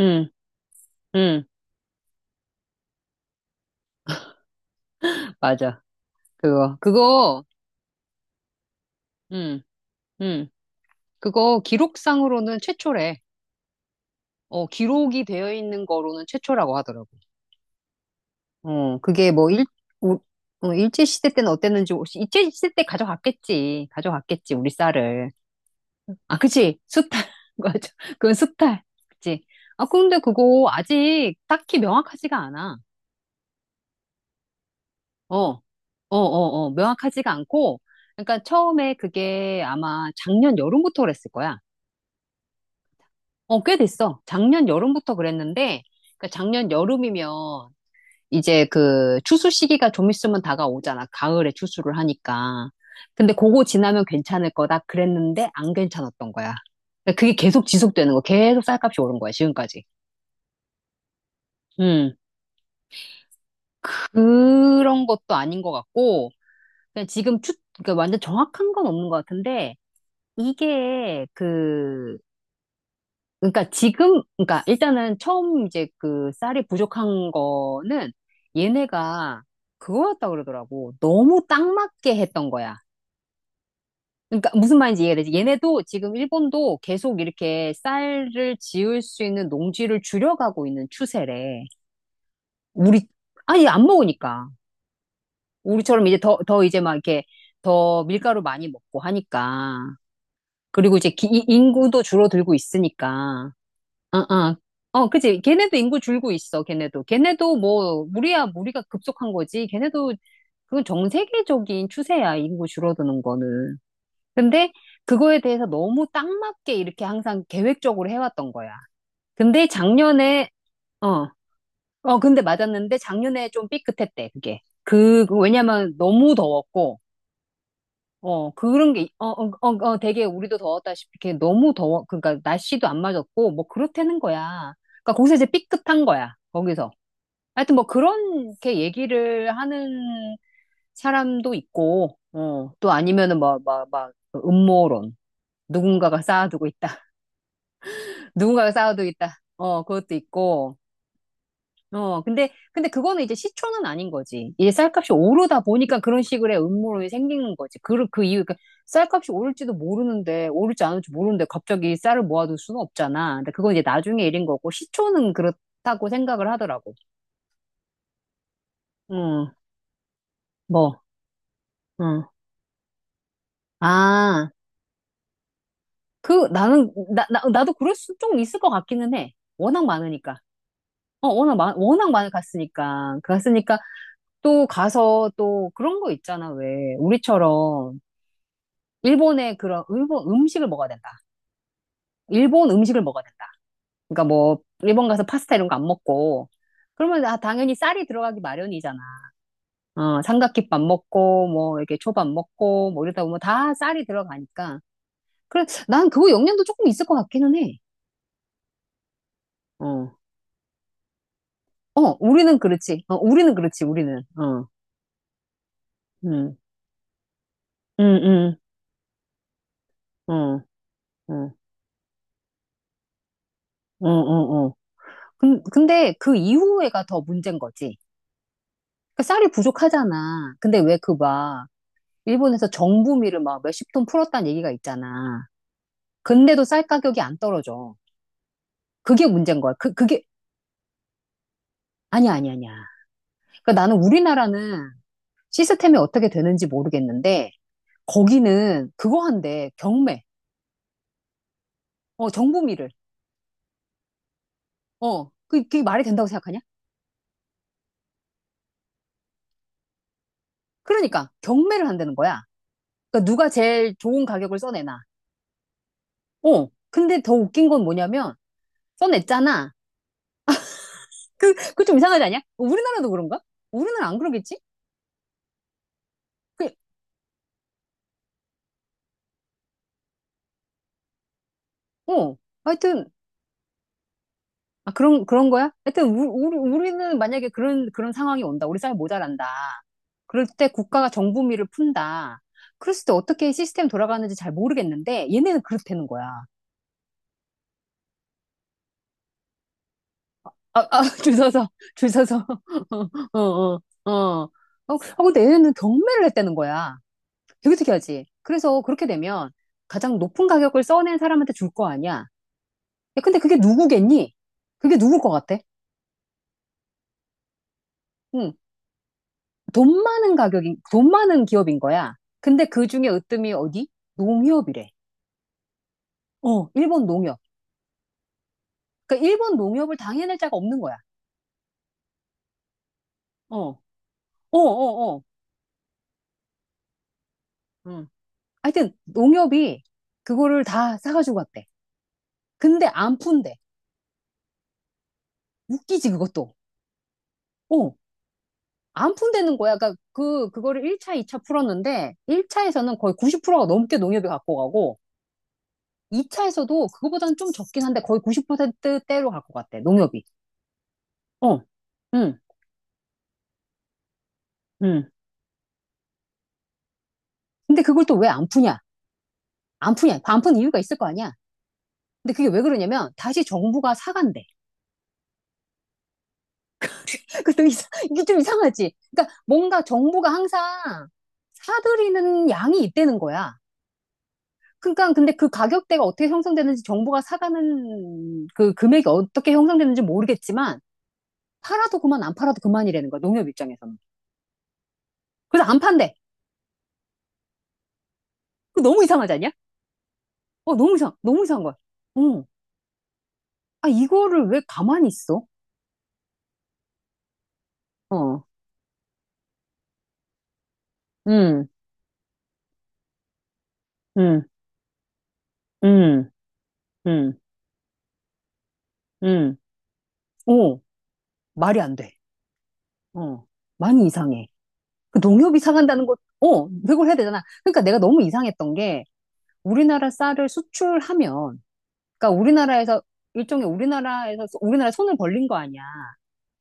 응, 응, 맞아. 그거, 응, 응. 그거 기록상으로는 최초래. 어, 기록이 되어 있는 거로는 최초라고 하더라고. 어, 그게 뭐 일, 우- 어, 일제시대 때는 어땠는지, 혹시 일제시대 때 가져갔겠지. 가져갔겠지, 우리 쌀을. 아, 그치. 수탈. 맞아. 그건 수탈. 그치. 아, 근데 그거 아직 딱히 명확하지가 않아. 어, 어, 어, 어. 명확하지가 않고, 그러니까 처음에 그게 아마 작년 여름부터 그랬을 거야. 어, 꽤 됐어. 작년 여름부터 그랬는데, 그러니까 작년 여름이면 이제 그 추수 시기가 좀 있으면 다가오잖아. 가을에 추수를 하니까. 근데 그거 지나면 괜찮을 거다 그랬는데 안 괜찮았던 거야. 그러니까 그게 계속 지속되는 거, 계속 쌀값이 오른 거야, 지금까지. 음, 그런 것도 아닌 것 같고, 그냥 지금 추, 그러니까 완전 정확한 건 없는 것 같은데, 이게 그 그러니까 지금, 그러니까 일단은 처음 이제 그 쌀이 부족한 거는 얘네가 그거였다 그러더라고. 너무 딱 맞게 했던 거야. 그러니까 무슨 말인지 이해되지? 얘네도 지금 일본도 계속 이렇게 쌀을 지을 수 있는 농지를 줄여가고 있는 추세래. 우리, 아니, 안 먹으니까. 우리처럼 이제 더, 더 이제 막 이렇게 더 밀가루 많이 먹고 하니까. 그리고 이제 인구도 줄어들고 있으니까. 어, 어. 어, 그치. 걔네도 인구 줄고 있어, 걔네도. 걔네도 뭐, 우리야, 우리가 급속한 거지. 걔네도, 그건 전 세계적인 추세야, 인구 줄어드는 거는. 근데 그거에 대해서 너무 딱 맞게 이렇게 항상 계획적으로 해왔던 거야. 근데 작년에, 어, 어, 근데 맞았는데 작년에 좀 삐끗했대, 그게. 그 왜냐면 너무 더웠고, 어, 그런 게, 어, 어, 어, 어, 되게 우리도 더웠다시피 이렇게 너무 더워. 그러니까 날씨도 안 맞았고, 뭐 그렇다는 거야. 그러니까 거기서 이제 삐끗한 거야. 거기서. 하여튼 뭐 그렇게 얘기를 하는 사람도 있고, 어, 또 아니면은 뭐, 막, 막, 음모론. 누군가가 쌓아두고 있다. 누군가가 쌓아두고 있다. 어, 그것도 있고. 어, 근데 그거는 이제 시초는 아닌 거지. 이제 쌀값이 오르다 보니까 그런 식의 음모론이 생기는 거지. 그 이유, 그러니까 쌀값이 오를지도 모르는데, 오를지 모르는데, 갑자기 쌀을 모아둘 수는 없잖아. 근데 그건 이제 나중에 일인 거고, 시초는 그렇다고 생각을 하더라고. 응, 뭐, 응. 아, 나도 그럴 수 좀 있을 것 같기는 해. 워낙 많으니까. 어, 워낙 많, 워낙 많이 갔으니까. 갔으니까 또 가서 또 그런 거 있잖아, 왜. 우리처럼. 일본의 그런 일본 음식을 먹어야 된다. 일본 음식을 먹어야 된다. 그러니까 뭐 일본 가서 파스타 이런 거 안 먹고 그러면 아, 당연히 쌀이 들어가기 마련이잖아. 어, 삼각김밥 먹고 뭐 이렇게 초밥 먹고 뭐 이러다 보면 다 쌀이 들어가니까. 그래 난 그거 영향도 조금 있을 것 같기는 해. 어. 어, 우리는 그렇지. 어, 우리는 그렇지. 우리는. 어. 음. 음, 어. 어. 어, 어, 어. 근데 그 이후에가 더 문제인 거지. 그러니까 쌀이 부족하잖아. 근데 왜그막 일본에서 정부미를 막 몇십 톤 풀었다는 얘기가 있잖아. 근데도 쌀 가격이 안 떨어져. 그게 문제인 거야. 그게, 아니야, 아니야, 아니야. 그러니까 나는 우리나라는 시스템이 어떻게 되는지 모르겠는데, 거기는 그거 한대, 경매. 어, 정부미를. 어, 그게 말이 된다고 생각하냐? 그러니까, 경매를 한다는 거야. 그러니까 누가 제일 좋은 가격을 써내나. 어, 근데 더 웃긴 건 뭐냐면, 써냈잖아. 그 좀 이상하지 않냐? 우리나라도 그런가? 우리나라 안 그러겠지? 그, 어, 하여튼, 아, 그런, 그런 거야? 하여튼, 우리, 우리는 만약에 그런, 그런 상황이 온다. 우리 쌀 모자란다. 그럴 때 국가가 정부미를 푼다. 그랬을 때 어떻게 시스템 돌아가는지 잘 모르겠는데, 얘네는 그렇다는 거야. 아, 아, 줄 서서, 줄 서서. 어, 어, 어. 어, 어, 근데 얘네는 경매를 했다는 거야. 되게 특이하지? 그래서 그렇게 되면 가장 높은 가격을 써낸 사람한테 줄 거 아니야? 야, 근데 그게 누구겠니? 그게 누굴 것 같아? 응. 돈 많은 가격인, 돈 많은 기업인 거야. 근데 그 중에 으뜸이 어디? 농협이래. 어, 일본 농협. 그러니까 일본 농협을 당해낼 자가 없는 거야. 어, 어, 어, 어. 음. 하여튼 농협이 그거를 다 사가지고 갔대. 근데 안 푼대. 웃기지, 그것도. 어, 안 푼대는 거야. 그러니까 그거를 1차, 2차 풀었는데 1차에서는 거의 90%가 넘게 농협이 갖고 가고 2차에서도 그거보다는 좀 적긴 한데 거의 90%대로 갖고 갔대. 농협이. 어, 응, 응. 근데 그걸 또 왜 안 푸냐? 안 푸냐? 안 푸는 이유가 있을 거 아니야? 근데 그게 왜 그러냐면 다시 정부가 사간대. 그것도 이상, 이게 좀 이상하지? 그러니까 뭔가 정부가 항상 사들이는 양이 있다는 거야. 그러니까 근데 그 가격대가 어떻게 형성되는지 정부가 사가는 그 금액이 어떻게 형성되는지 모르겠지만 팔아도 그만 안 팔아도 그만이라는 거야. 농협 입장에서는. 그래서 안 판대. 그 너무 이상하지 않냐? 어, 너무 이상, 너무 이상한 거야. 어, 아, 이거를 왜 가만히 있어? 어, 음, 음, 음, 음. 응, 어, 말이 안 돼. 어, 많이 이상해. 그 농협이 상한다는 것, 어, 회고를 해야 되잖아. 그러니까 내가 너무 이상했던 게 우리나라 쌀을 수출하면, 그러니까 우리나라에서 일종의 우리나라에서 우리나라 손을 벌린 거 아니야.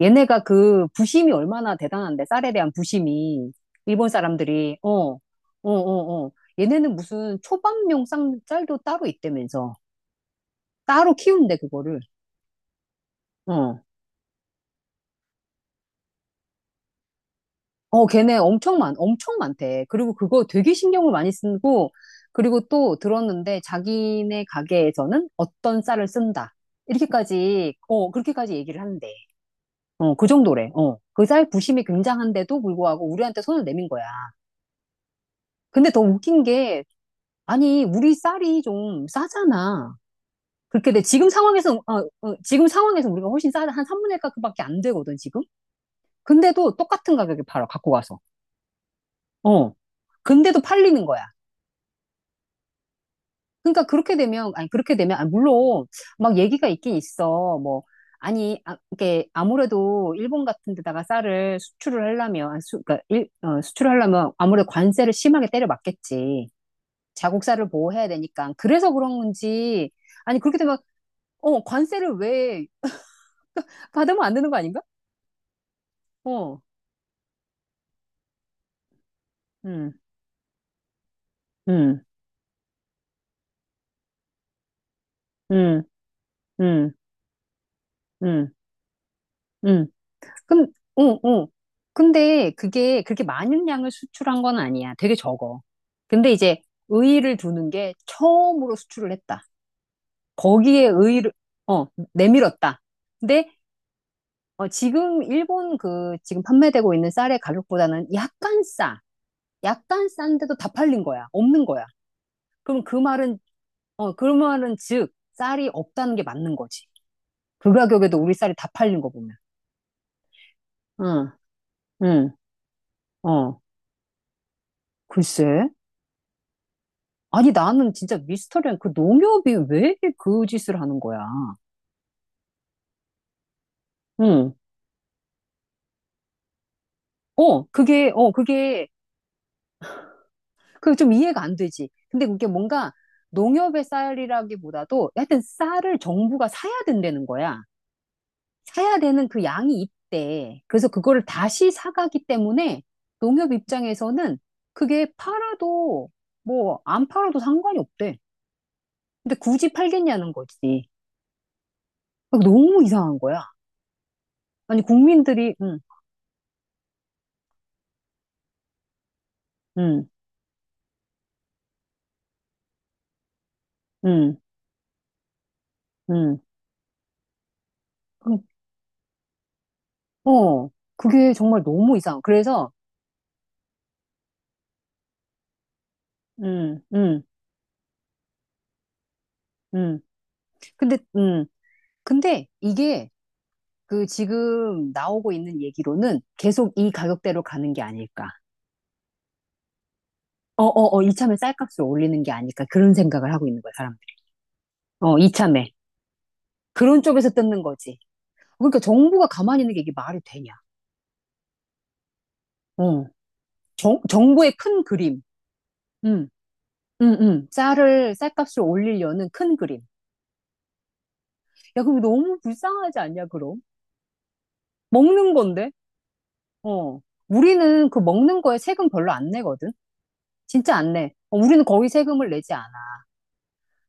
얘네가 그 부심이 얼마나 대단한데 쌀에 대한 부심이 일본 사람들이 어, 어, 어, 어. 얘네는 무슨 초밥용 쌀도 따로 있다면서 따로 키운대 그거를. 어. 어, 걔네 엄청 많, 엄청 많대. 그리고 그거 되게 신경을 많이 쓰고, 그리고 또 들었는데 자기네 가게에서는 어떤 쌀을 쓴다. 이렇게까지, 어, 그렇게까지 얘기를 하는데. 어, 그 정도래. 어, 그 쌀 부심이 굉장한데도 불구하고 우리한테 손을 내민 거야. 근데 더 웃긴 게, 아니, 우리 쌀이 좀 싸잖아. 그렇게 돼. 지금 상황에서, 어, 어, 지금 상황에서 우리가 훨씬 싸다. 한 3분의 1 값밖에 안 되거든, 지금. 근데도 똑같은 가격에 팔아, 갖고 가서. 어. 근데도 팔리는 거야. 그러니까 그렇게 되면, 아니, 그렇게 되면, 아, 물론, 막 얘기가 있긴 있어. 뭐, 아니, 아, 이게 아무래도 일본 같은 데다가 쌀을 수출을 하려면, 아니, 수, 그러니까 일, 어, 수출을 하려면 아무래도 관세를 심하게 때려 맞겠지. 자국 쌀을 보호해야 되니까. 그래서 그런 건지, 아니, 그렇게 되면, 어, 관세를 왜 받으면 안 되는 거 아닌가? 어, 음, 음, 음, 음, 음, 음. 근, 응, 응. 근데 그게 그렇게 많은 양을 수출한 건 아니야. 되게 적어. 근데 이제 의의를 두는 게 처음으로 수출을 했다. 거기에 의의를, 어, 내밀었다. 근데 어, 지금 일본 그 지금 판매되고 있는 쌀의 가격보다는 약간 싸. 약간 싼데도 다 팔린 거야. 없는 거야. 그럼 그 말은, 어, 그 말은 즉, 쌀이 없다는 게 맞는 거지. 그 가격에도 우리 쌀이 다 팔린 거 보면. 응, 응, 어, 글쎄. 아니, 나는 진짜 미스터리한 그 농협이 왜 그 짓을 하는 거야. 응, 어, 그게, 그 좀 이해가 안 되지. 근데 그게 뭔가 농협의 쌀이라기보다도 하여튼 쌀을 정부가 사야 된다는 거야. 사야 되는 그 양이 있대. 그래서 그거를 다시 사가기 때문에 농협 입장에서는 그게 팔아도 뭐 안 팔아도 상관이 없대. 근데 굳이 팔겠냐는 거지. 너무 이상한 거야. 아니, 국민들이, 응, 응, 응, 응. 그- 어, 그게 정말 너무 이상. 그래서, 음, 음, 음. 근데, 근데 이게 그 지금 나오고 있는 얘기로는 계속 이 가격대로 가는 게 아닐까. 어, 어, 어, 이참에 쌀값을 올리는 게 아닐까. 그런 생각을 하고 있는 거야, 사람들이. 어, 이참에. 그런 쪽에서 뜯는 거지. 그러니까 정부가 가만히 있는 게 이게 말이 되냐. 어, 정부의 큰 그림. 음, 쌀을, 쌀값을 올리려는 큰 그림. 야, 그럼 너무 불쌍하지 않냐, 그럼? 먹는 건데? 어. 우리는 그 먹는 거에 세금 별로 안 내거든? 진짜 안 내. 어, 우리는 거의 세금을 내지 않아.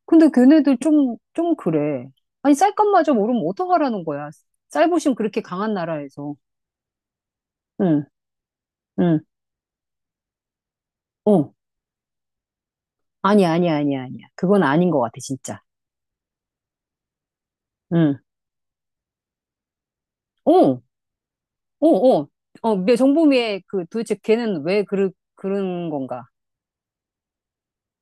근데 걔네들 좀, 좀 그래. 아니, 쌀값마저 모르면 어떡하라는 거야. 쌀부심 그렇게 강한 나라에서. 응, 응, 어. 아니야, 아니야, 아니야, 아니야. 그건 아닌 것 같아, 진짜. 응. 어, 어, 어. 어, 정보미에 그 도대체 걔는 왜 그런 건가?